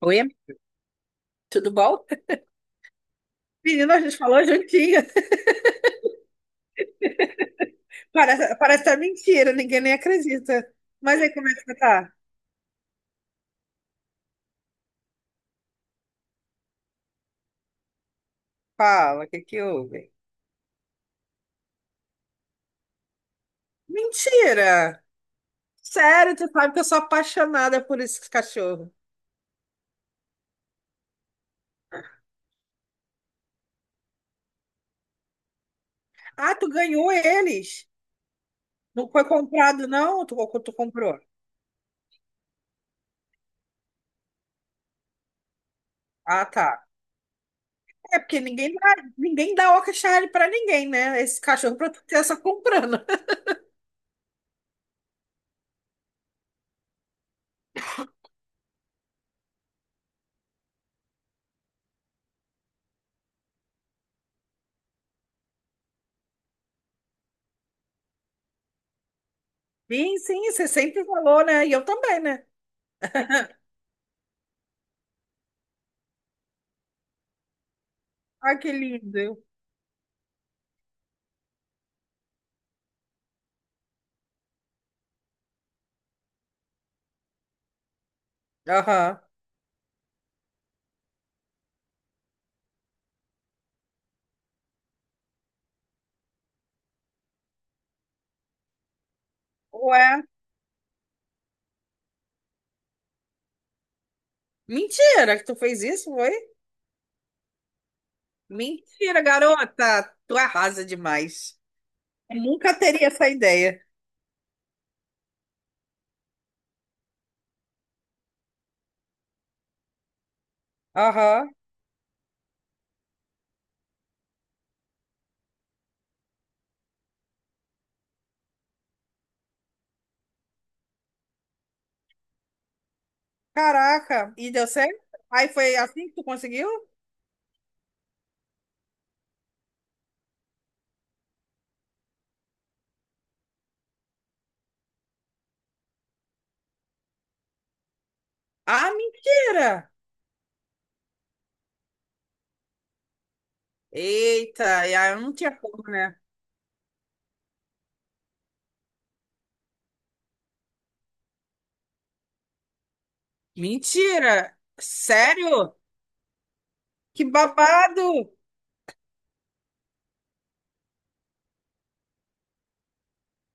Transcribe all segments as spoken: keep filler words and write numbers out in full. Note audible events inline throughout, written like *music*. Oi, tudo bom? Menina, a gente falou juntinho. *laughs* Parece, parece até mentira, ninguém nem acredita. Mas aí, como é que você tá? Fala, o que que houve? Mentira! Sério, tu sabe que eu sou apaixonada por esses cachorros. Ah, tu ganhou eles? Não foi comprado, não? Tu, tu comprou? Ah, tá. É porque ninguém dá, ninguém dá Yorkshire pra ninguém, né? Esse cachorro pra tu ter só comprando. *laughs* Sim, sim, você sempre falou, né? E eu também, né? Ai, que lindo. Aham. Ué. Mentira que tu fez isso, foi? Mentira, garota. Tu arrasa demais. Eu nunca teria essa ideia. Aham. Caraca. E deu certo? Aí foi assim que tu conseguiu? Ah, mentira. Eita, e aí eu não tinha como, né? Mentira. Sério? Que babado.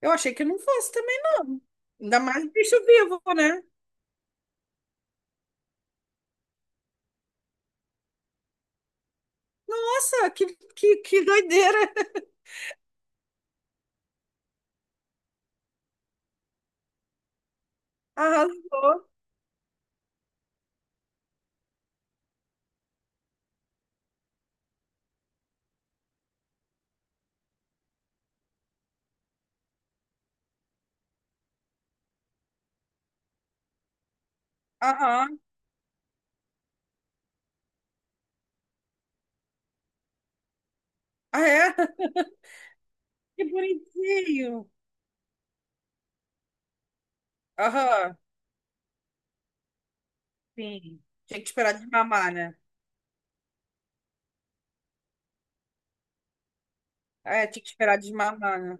Eu achei que não fosse também, não. Ainda mais bicho vivo, né? Nossa, que, que, que doideira. *laughs* Arrasou. Aham. Ah, é? *laughs* Que bonitinho. Aham. Sim, tinha que esperar desmamar, né? É, tinha que esperar desmamar, né?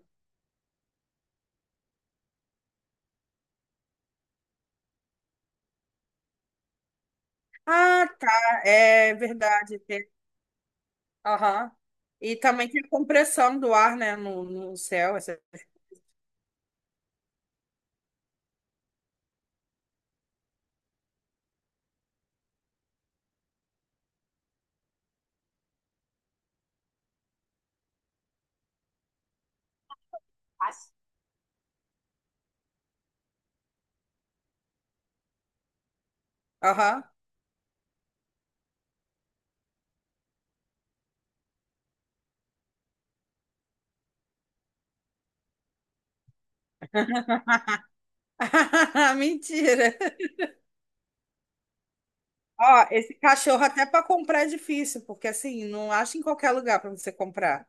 Ah, tá, é verdade. tem- Aham. E também tem a compressão do ar, né, no, no céu. essa- Mas- Aham. *laughs* Mentira. Ó, esse cachorro até para comprar é difícil, porque assim, não acha em qualquer lugar para você comprar.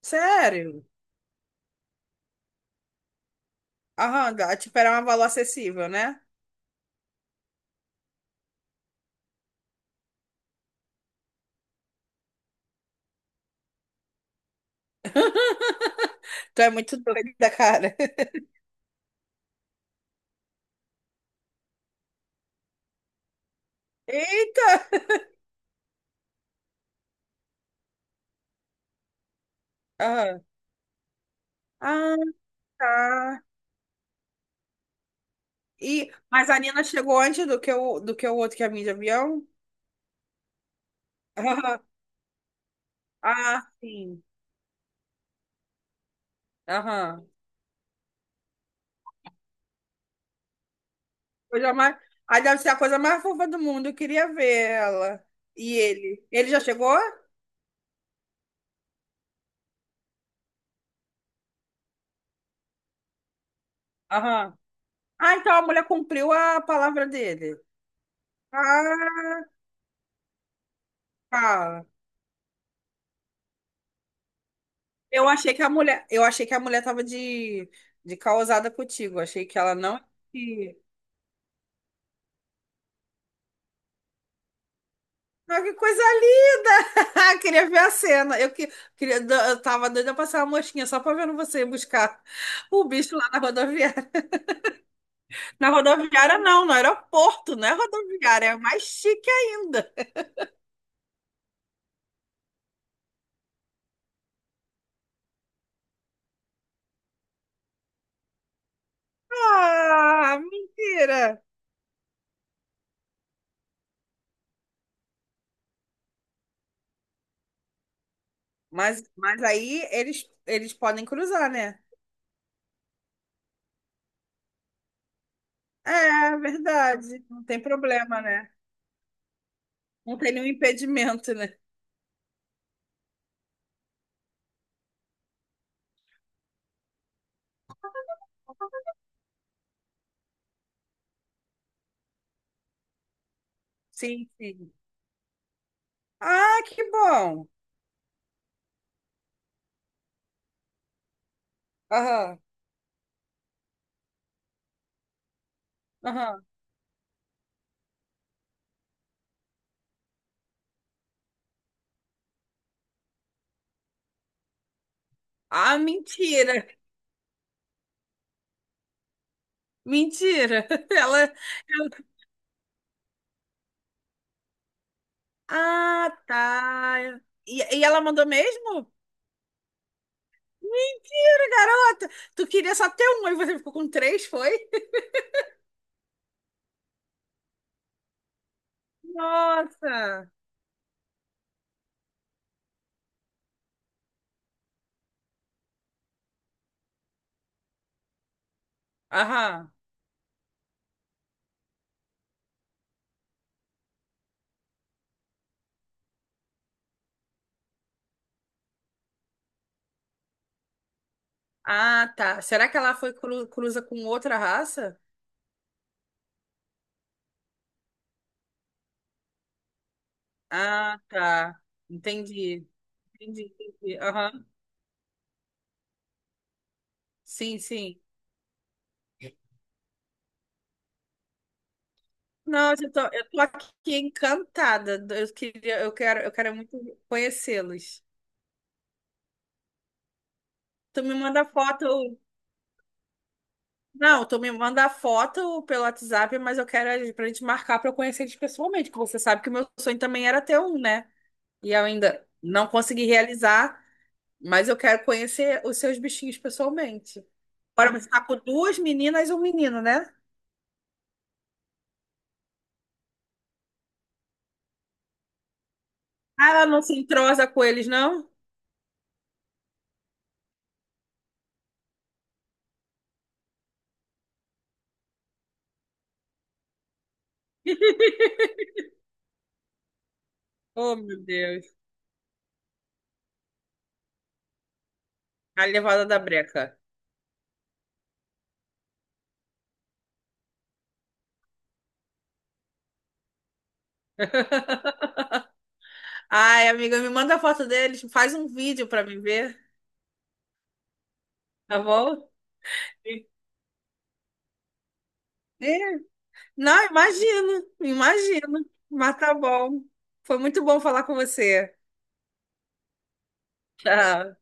Sério? Aham, dá- tipo, era um valor acessível, né? *laughs* Tu é muito doida, cara. *laughs* Eita! Aham. Ah, tá. E, mas a Nina chegou antes do que o, do que o outro que é vinha de avião? *laughs* Ah, sim. Aham. Coisa mais... Aí deve ser a coisa mais fofa do mundo. Eu queria ver ela. E ele? Ele já chegou? Aham. Ah, então a mulher cumpriu a palavra dele. Ah, cara. Eu achei que a mulher, eu achei que a mulher tava de, de causada contigo. Achei que ela não. Ah, que coisa linda! *laughs* Queria ver a cena. Eu, que, queria, eu tava doida pra passar uma mosquinha só pra ver você ir buscar o bicho lá na rodoviária. Na rodoviária, não, no aeroporto, não é rodoviária, é mais chique ainda. Ah, mentira! Mas, mas aí eles, eles podem cruzar, né? É, verdade. Não tem problema, né? Não tem nenhum impedimento, né? Sim, sim. Ah, que bom! Aham, aham. Ah, mentira! Mentira! *laughs* Ela, ela- Ah, tá. E, e ela mandou mesmo? Mentira, garota! Tu queria só ter um e você ficou com três, foi? Nossa! Aham. Ah, tá. Será que ela foi cru- cruza com outra raça? Ah, tá. Entendi. Entendi, entendi. Aham. Sim, sim. Nossa, eu tô, eu tô aqui encantada. Eu queria, eu quero, eu quero muito conhecê-los. Tu me manda foto, Não, tu me manda a foto pelo WhatsApp, mas eu quero a- pra gente marcar pra eu conhecer eles pessoalmente, que você sabe que o meu sonho também era ter um, né? E eu ainda não consegui realizar, mas eu quero conhecer os seus bichinhos pessoalmente. Agora você tá com duas meninas e um menino, né? Ah, ela não se entrosa com eles, não? Oh, meu Deus. A levada da breca. Ai, amiga, me manda a foto deles, faz um vídeo pra mim ver, tá bom? E Não, imagino, imagino. Mas tá bom. Foi muito bom falar com você. Tchau.